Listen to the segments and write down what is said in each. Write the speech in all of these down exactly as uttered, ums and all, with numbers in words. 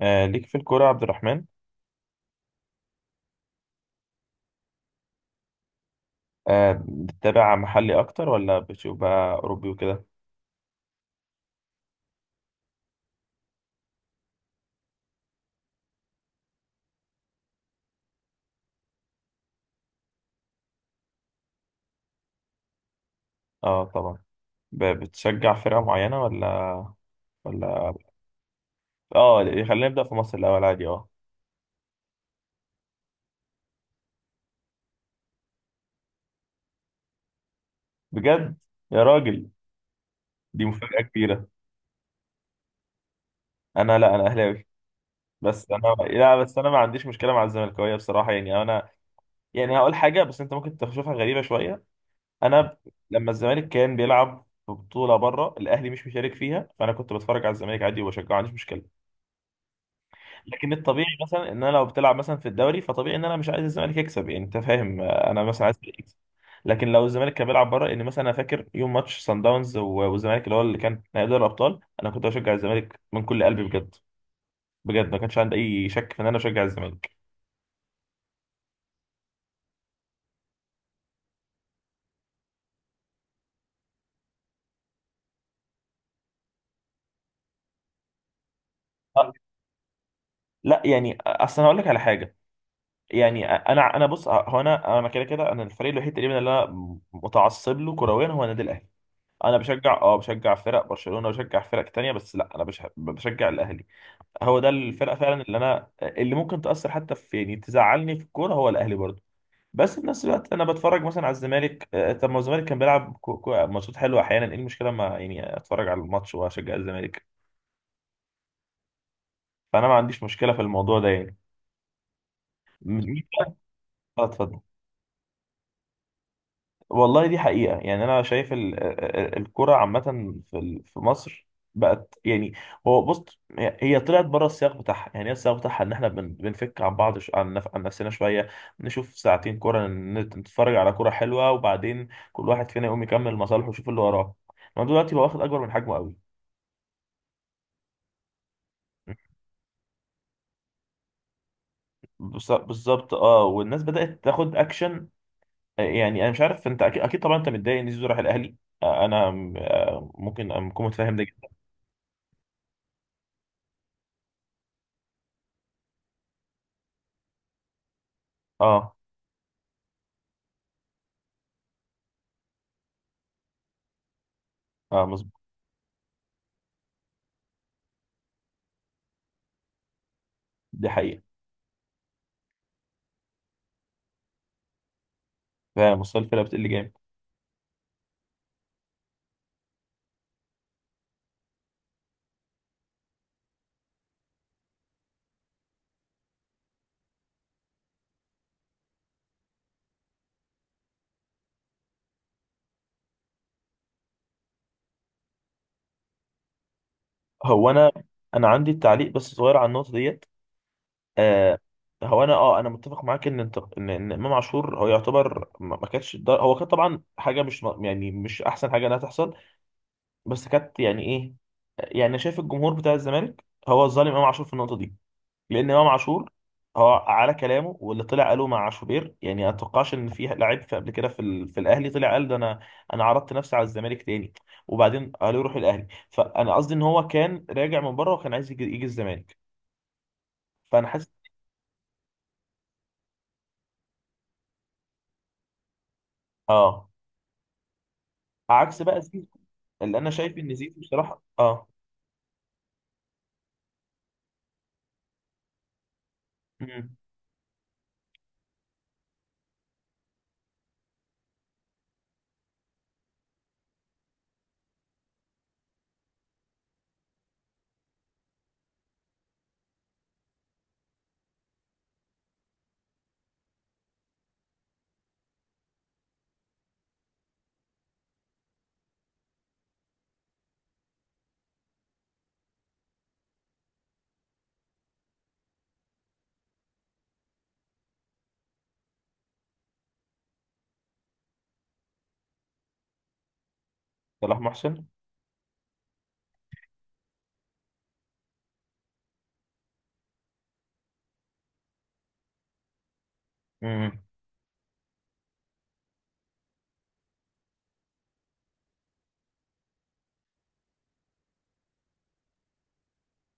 آه ليك في الكورة يا عبد الرحمن. آه بتتابع محلي أكتر ولا بتشوف بقى أوروبي وكده؟ اه، طبعا. ب- بتشجع فرقة معينة ولا ولا اه، خلينا نبدأ في مصر الأول عادي اه بجد، يا راجل، دي مفاجأة كبيرة. أنا لا، أنا أهلاوي. بس أنا لا، بس أنا ما عنديش مشكلة مع الزملكاوية، بصراحة. يعني أنا، يعني هقول حاجة بس أنت ممكن تشوفها غريبة شوية. أنا لما الزمالك كان بيلعب في بطولة بره الأهلي مش مشارك فيها، فأنا كنت بتفرج على الزمالك عادي وبشجعه، ما عنديش مشكلة. لكن الطبيعي مثلا ان انا لو بتلعب مثلا في الدوري، فطبيعي ان انا مش عايز الزمالك يكسب، يعني انت فاهم. آه، انا مثلا عايز الفريق يكسب. لكن لو الزمالك كان بيلعب بره، ان مثلا انا فاكر يوم ماتش سان داونز و- والزمالك اللي هو اللي كان نهائي دوري الابطال، انا كنت بشجع الزمالك من كل قلبي بجد. بجد، ما كانش عندي اي شك في ان انا بشجع الزمالك. آه، لا يعني، آه، اصل انا هقول لك على حاجه. يعني آه، انا انا بص، آه، هو انا، انا كده كده انا الفريق الوحيد تقريبا اللي انا متعصب له كرويا هو النادي الاهلي. انا بشجع، اه بشجع فرق برشلونه وبشجع فرق تانية، بس لا انا بش- بشجع الاهلي. هو ده الفرقه فعلا اللي انا اللي ممكن تاثر حتى في، يعني تزعلني في الكوره، هو الاهلي برضه. بس في نفس الوقت انا بتفرج مثلا على الزمالك. آه، طب ما هو الزمالك كان بيلعب كو- كو- ماتشات حلوه احيانا، ايه المشكله ما يعني اتفرج على الماتش واشجع الزمالك؟ فانا ما عنديش مشكله في الموضوع ده يعني. م- مين بقى؟ اتفضل. والله دي حقيقة، يعني أنا شايف ال- ال- الكرة عامة في ال- في مصر بقت يعني. هو بص، هي طلعت بره السياق بتاعها، يعني هي السياق بتاعها إن إحنا بن- بنفك عن بعض، ش- عن نف- عن نفسنا شوية، نشوف ساعتين كرة، نت- نتفرج على كرة حلوة، وبعدين كل واحد فينا يقوم يكمل مصالحه ويشوف اللي وراه. إنما دلوقتي بقى واخد أكبر من حجمه قوي. بص- بالظبط. اه، والناس بدأت تاخد اكشن. آه، يعني انا مش عارف، انت اكيد, أكيد طبعا انت متضايق ان زيزو راح الاهلي. آه، انا آه، ممكن اكون متفاهم ده جدا. اه، اه، دي حقيقة. فمستوى الفرقة بتقل جامد. هو أنا أنا عندي التعليق، بس صغير على النقطة ديت. آه هو أنا، أه أنا متفق معاك إن أنت، إن إن إمام عاشور هو يعتبر، ما ما كانش الدر- هو كان طبعا حاجة مش، م- يعني مش أحسن حاجة إنها تحصل. بس كانت يعني إيه، يعني شايف الجمهور بتاع الزمالك هو ظالم إمام عاشور في النقطة دي. لان امام عاشور هو على كلامه واللي طلع قاله مع شوبير، يعني ما اتوقعش ان في لعيب في قبل كده في, ال... في الاهلي طلع قال ده. انا، انا عرضت نفسي على الزمالك تاني وبعدين قالوا يروح الاهلي، فانا قصدي ان هو كان راجع من بره وكان عايز يجي, يجي الزمالك. فانا حاسس. اه، عكس بقى زيزو اللي انا شايف ان زيزو بصراحه اه. امم صلاح محسن. امم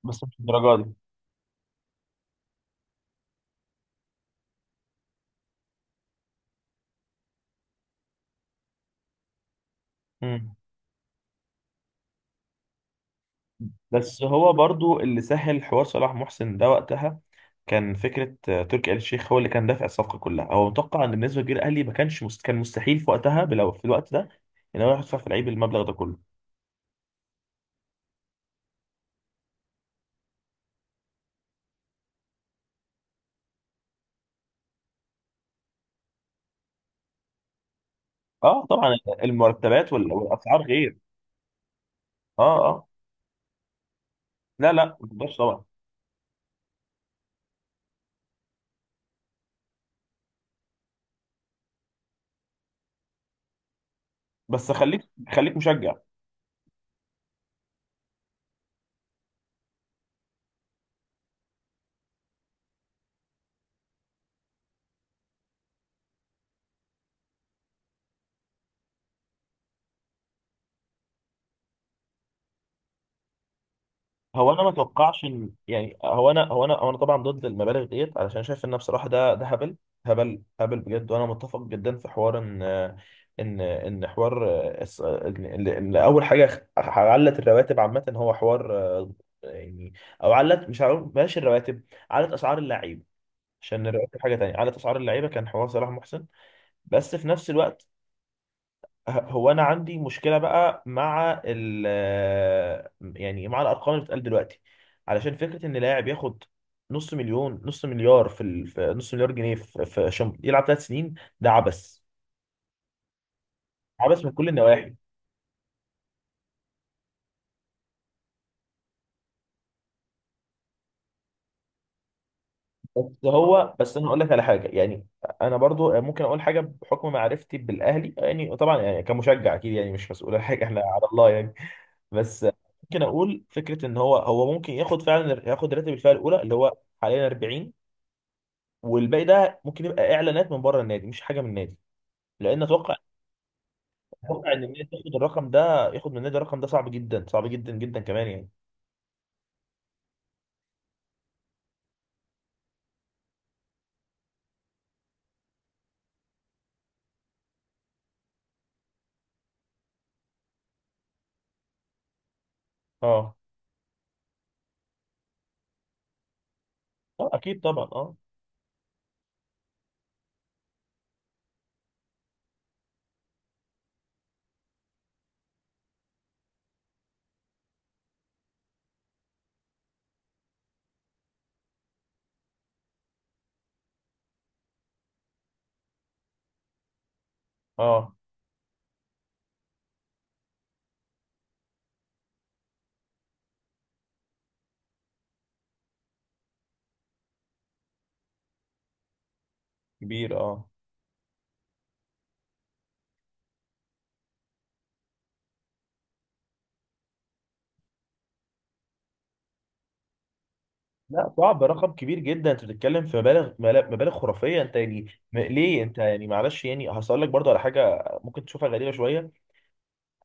بس مش الدرجه دي. امم بس هو برضو اللي سهل حوار صلاح محسن ده وقتها، كان فكره آه، تركي آل الشيخ هو اللي كان دافع الصفقه كلها، هو متوقع ان بالنسبه للجيل الاهلي ما كانش مست... كان مستحيل في وقتها بلو... في الوقت ده ان هو يدفع في لعيب المبلغ ده كله. اه، طبعا. المرتبات وال... والاسعار غير. اه، اه، لا، لا، ما تقدرش طبعا. بس، خليك خليك مشجع. هو انا ما اتوقعش ان، يعني هو انا، هو انا هو انا طبعا ضد المبالغ ديت، علشان شايف ان بصراحه ده ده هبل. هبل، هبل، بجد. وانا متفق جدا في حوار ان، ان ان حوار، الس- ان، إن اول حاجه، خ- علت الرواتب عامه. هو حوار، آه، يعني او علت، مش هقول بلاش الرواتب، علت اسعار اللعيبه، عشان الرواتب حاجه تانية. علت اسعار اللعيبه كان حوار صلاح محسن. بس في نفس الوقت هو انا عندي مشكله بقى مع ال يعني مع الارقام اللي بتتقال دلوقتي، علشان فكره ان لاعب ياخد، نص مليون نص مليار في, ال... في نص مليار جنيه، في, في عشان يلعب ثلاث سنين. ده عبث، عبث من كل النواحي. بس هو، بس انا هقول لك على حاجه يعني. انا برضو ممكن اقول حاجه بحكم معرفتي بالاهلي، يعني طبعا يعني كمشجع اكيد، يعني مش مسؤول عن حاجه، احنا على الله يعني. بس ممكن اقول فكره ان هو هو ممكن ياخد فعلا ياخد راتب الفئه الاولى اللي هو حاليا أربعين، والباقي ده ممكن يبقى اعلانات من بره النادي، مش حاجه من النادي. لان اتوقع، اتوقع ان النادي ياخد الرقم ده، ياخد من النادي الرقم ده صعب جدا، صعب جدا جدا كمان يعني. اه، اه، اكيد طبعا. اه، اه، كبير، اه. لا، صعب، رقم كبير جدا، انت بتتكلم في مبالغ، ملا- مبالغ خرافيه انت يعني. م- ليه انت يعني، معلش، يعني هسأل لك برضه على حاجه ممكن تشوفها غريبه شويه.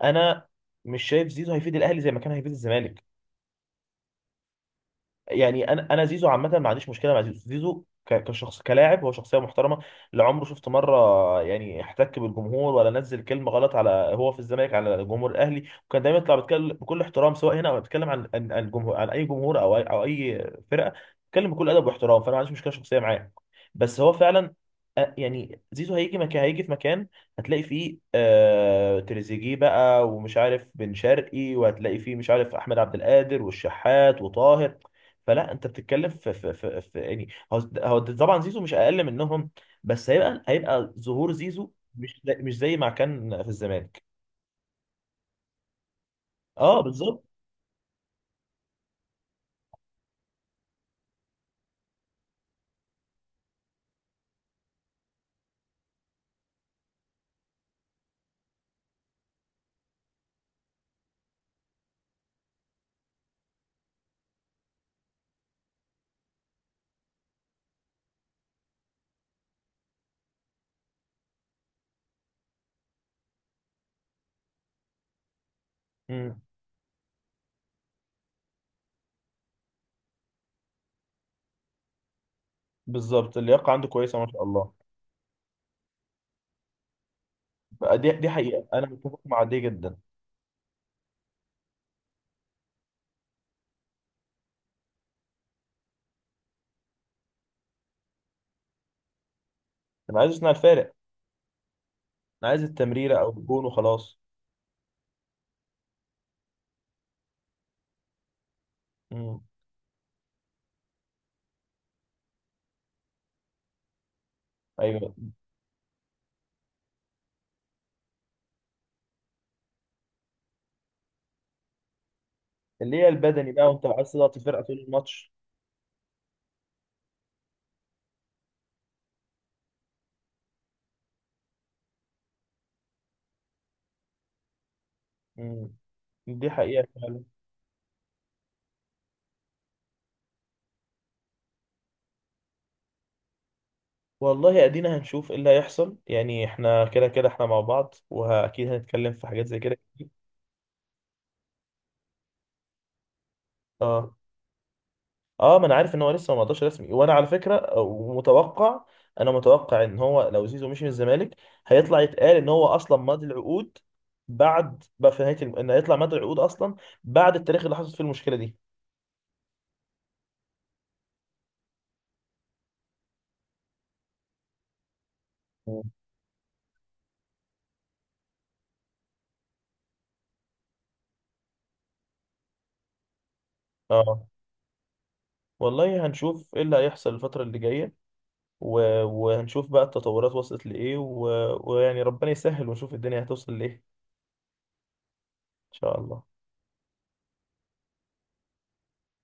انا مش شايف زيزو هيفيد الاهلي زي ما كان هيفيد الزمالك. يعني انا انا زيزو عامه ما عنديش مشكله مع زيزو، زيزو ك- كشخص، كلاعب، هو شخصيه محترمه. لا عمره، شفت مره يعني احتك بالجمهور ولا نزل كلمه غلط، على هو في الزمالك على جمهور الاهلي. وكان دايما يطلع بيتكلم بكل احترام، سواء هنا او بيتكلم عن عن عن الجمهور، عن اي جمهور او اي او اي فرقه، بيتكلم بكل ادب واحترام. فانا ما عنديش مشكله شخصيه معاه، بس هو فعلا، آه، يعني زيزو هيجي مكان هيجي في مكان هتلاقي فيه، آه تريزيجيه بقى، ومش عارف بن شرقي، وهتلاقي فيه مش عارف احمد عبد القادر والشحات وطاهر. فلا انت بتتكلم في، في في, في يعني هو هو طبعا زيزو مش اقل منهم، بس هيبقى، هيبقى ظهور زيزو مش زي- مش زي ما كان في الزمالك. اه، بالظبط. امم بالظبط، اللياقه عنده كويسه ما شاء الله. بقى دي دي حقيقه، انا متفق مع دي جدا. انا عايز اصنع الفارق، انا عايز التمريره او الجون وخلاص. امم ايوه، اللي هي البدني بقى، وانت عايز تضغط الفرقه طول الماتش. امم دي حقيقه. والله ادينا هنشوف ايه اللي هيحصل، يعني احنا كده كده احنا مع بعض، واكيد هنتكلم في حاجات زي كده كتير. اه، اه، ما انا عارف ان هو لسه ما مضاش رسمي، وانا على فكره متوقع انا متوقع ان هو لو زيزو مشي من الزمالك، هيطلع يتقال ان هو اصلا ماضي العقود، بعد بقى في نهايه الم... ان هيطلع ماضي العقود اصلا، بعد التاريخ اللي حصلت فيه المشكله دي. مم. اه، والله هنشوف ايه اللي هيحصل الفترة اللي جاية، و... وهنشوف بقى التطورات وصلت لإيه، و... ويعني ربنا يسهل ونشوف الدنيا هتوصل لإيه إن شاء الله.